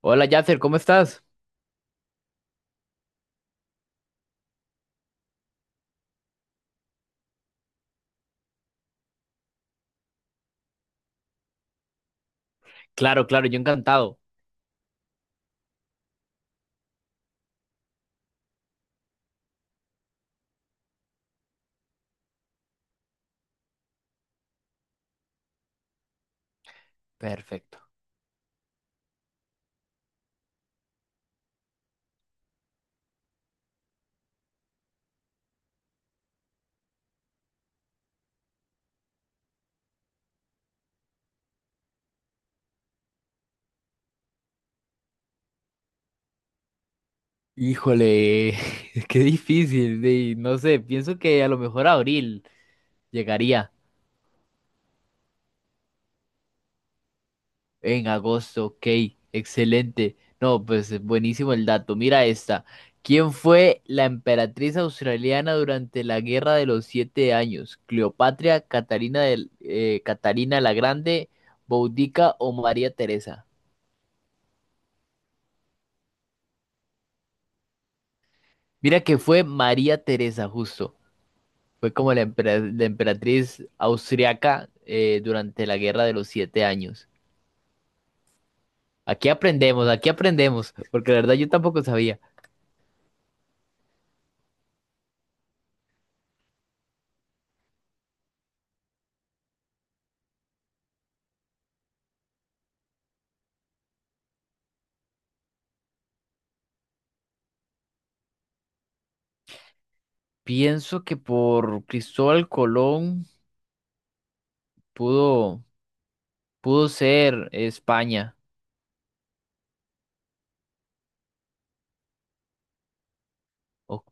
Hola Yasser, ¿cómo estás? Claro, claro, yo encantado. Perfecto. Híjole, qué difícil, no sé, pienso que a lo mejor abril llegaría en agosto, ok, excelente. No, pues es buenísimo el dato. Mira esta. ¿Quién fue la emperatriz australiana durante la Guerra de los Siete Años? ¿Cleopatra, Catalina, Catalina la Grande, Boudica o María Teresa? Mira que fue María Teresa, justo. Fue como la emperatriz austriaca durante la Guerra de los Siete Años. Aquí aprendemos, porque la verdad yo tampoco sabía. Pienso que por Cristóbal Colón pudo, pudo ser España. Ok,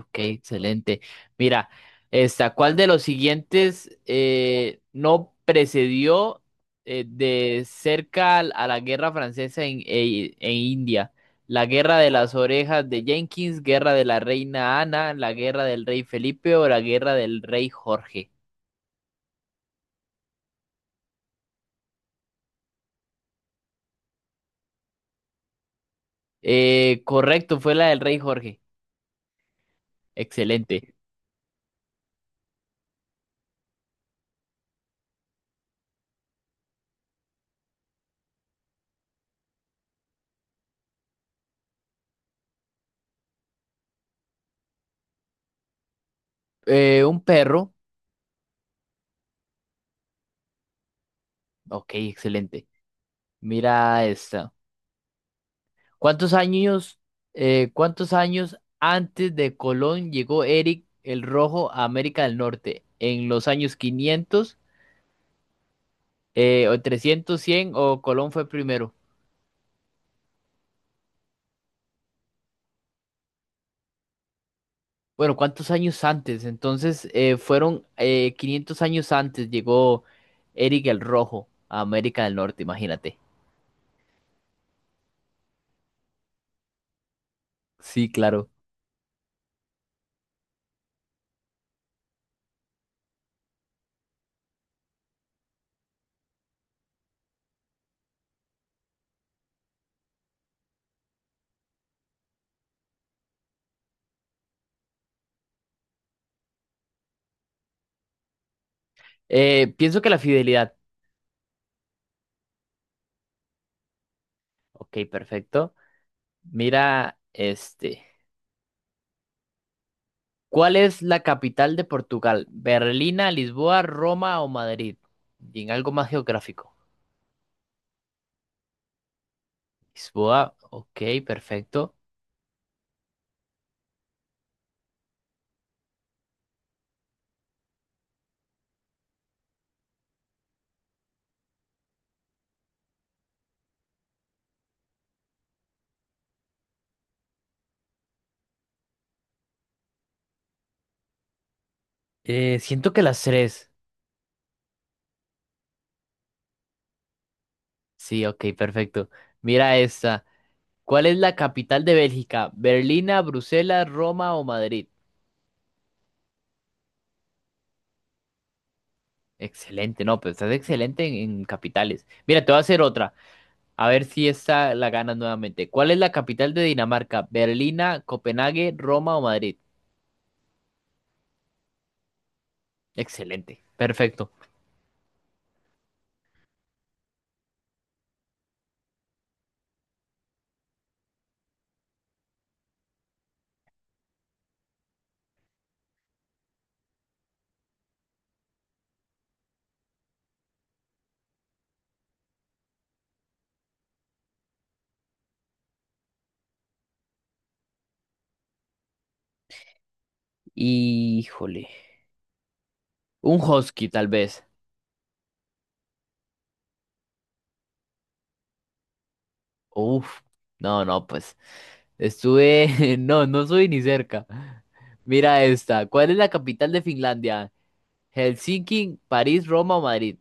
ok, excelente. Mira, esta, ¿cuál de los siguientes no precedió de cerca a la guerra francesa en India? La guerra de las orejas de Jenkins, guerra de la reina Ana, la guerra del rey Felipe o la guerra del rey Jorge. Correcto, fue la del rey Jorge. Excelente. Un perro. Ok, excelente. Mira esta. ¿Cuántos años, cuántos años antes de Colón llegó Eric el Rojo a América del Norte? ¿En los años 500 o 300 100 o Colón fue primero? Bueno, ¿cuántos años antes? Entonces, fueron 500 años antes llegó Eric el Rojo a América del Norte, imagínate. Sí, claro. Pienso que la fidelidad. Ok, perfecto. Mira, este. ¿Cuál es la capital de Portugal? ¿Berlina, Lisboa, Roma o Madrid? Y en algo más geográfico. Lisboa, ok, perfecto. Siento que las tres. Sí, ok, perfecto. Mira esta. ¿Cuál es la capital de Bélgica? ¿Berlina, Bruselas, Roma o Madrid? Excelente, no, pues estás excelente en capitales. Mira, te voy a hacer otra. A ver si esta la ganas nuevamente. ¿Cuál es la capital de Dinamarca? ¿Berlina, Copenhague, Roma o Madrid? Excelente, perfecto. Híjole. Un husky, tal vez. Uf. No, no, pues. Estuve. No, no soy ni cerca. Mira esta. ¿Cuál es la capital de Finlandia? Helsinki, París, Roma o Madrid.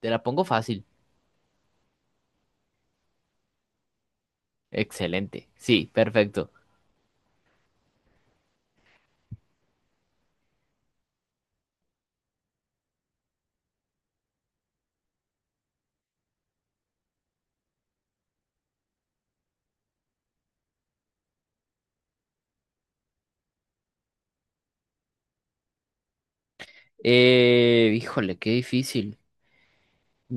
Te la pongo fácil. Excelente. Sí, perfecto. Híjole, qué difícil.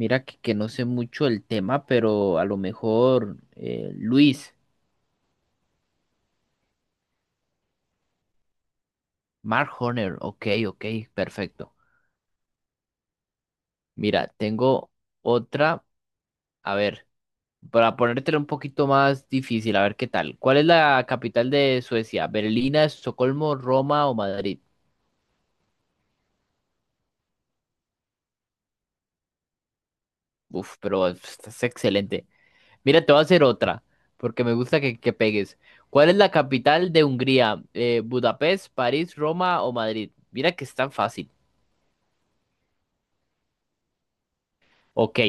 Mira que no sé mucho el tema, pero a lo mejor Luis, Mark Horner. Ok, ok, perfecto. Mira, tengo otra. A ver. Para ponértelo un poquito más difícil, a ver qué tal. ¿Cuál es la capital de Suecia? ¿Berlina, Estocolmo, Roma o Madrid? Uf, pero estás excelente. Mira, te voy a hacer otra, porque me gusta que pegues. ¿Cuál es la capital de Hungría? ¿Budapest, París, Roma o Madrid? Mira que es tan fácil. Ok.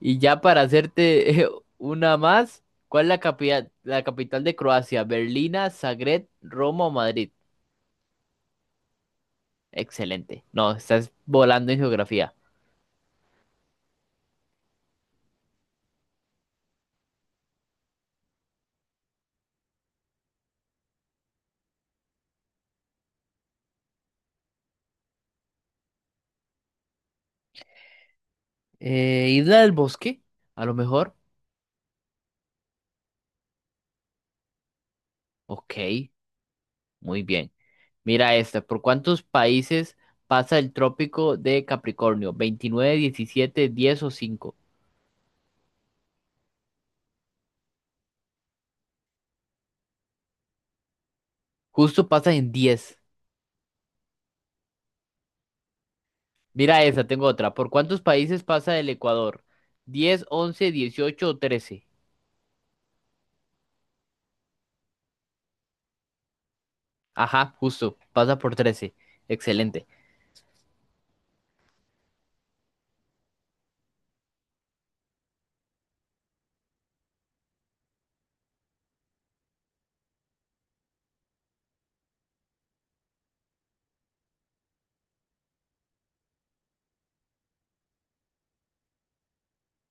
Y ya para hacerte una más, ¿cuál es la capital de Croacia? ¿Berlina, Zagreb, Roma o Madrid? Excelente. No, estás volando en geografía. Isla del Bosque, a lo mejor. Ok, muy bien. Mira esta, ¿por cuántos países pasa el trópico de Capricornio? 29, 17, 10 o 5. Justo pasa en 10. Mira esta, tengo otra. ¿Por cuántos países pasa el Ecuador? 10, 11, 18 o 13. Ajá, justo, pasa por 13. Excelente.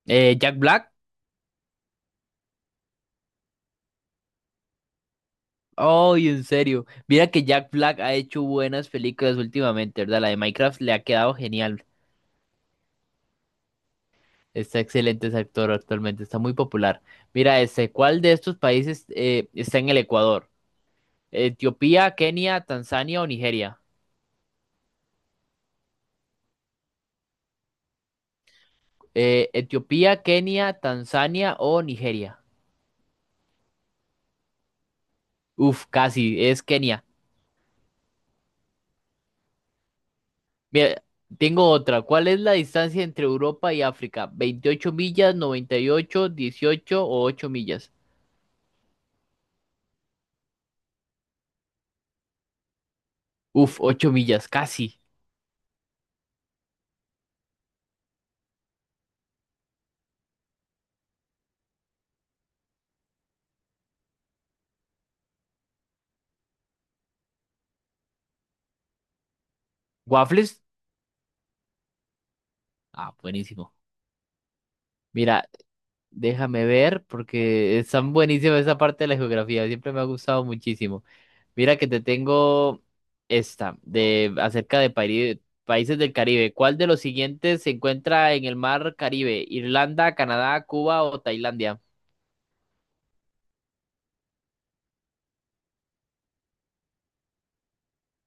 ¿Jack Black? Ay, en serio. Mira que Jack Black ha hecho buenas películas últimamente, ¿verdad? La de Minecraft le ha quedado genial. Está excelente ese actor actualmente, está muy popular. Mira, ese, ¿cuál de estos países está en el Ecuador? Etiopía, Kenia, Tanzania o Nigeria. Etiopía, Kenia, Tanzania o Nigeria. Uf, casi, es Kenia. Mira, tengo otra. ¿Cuál es la distancia entre Europa y África? 28 millas, 98, 18 o 8 millas? Uf, 8 millas, casi. ¿Waffles? Ah, buenísimo. Mira, Déjame ver, porque están buenísimas esa parte de la geografía, siempre me ha gustado muchísimo. Mira que te tengo esta, de acerca de países del Caribe. ¿Cuál de los siguientes se encuentra en el mar Caribe? ¿Irlanda, Canadá, Cuba o Tailandia?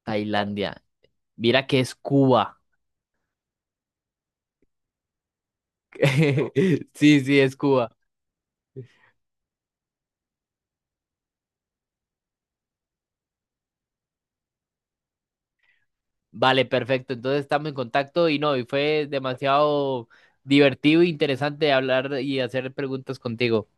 Tailandia. Mira que es Cuba. Sí, sí, es Cuba. Vale, perfecto. Entonces estamos en contacto y no, y fue demasiado divertido e interesante hablar y hacer preguntas contigo.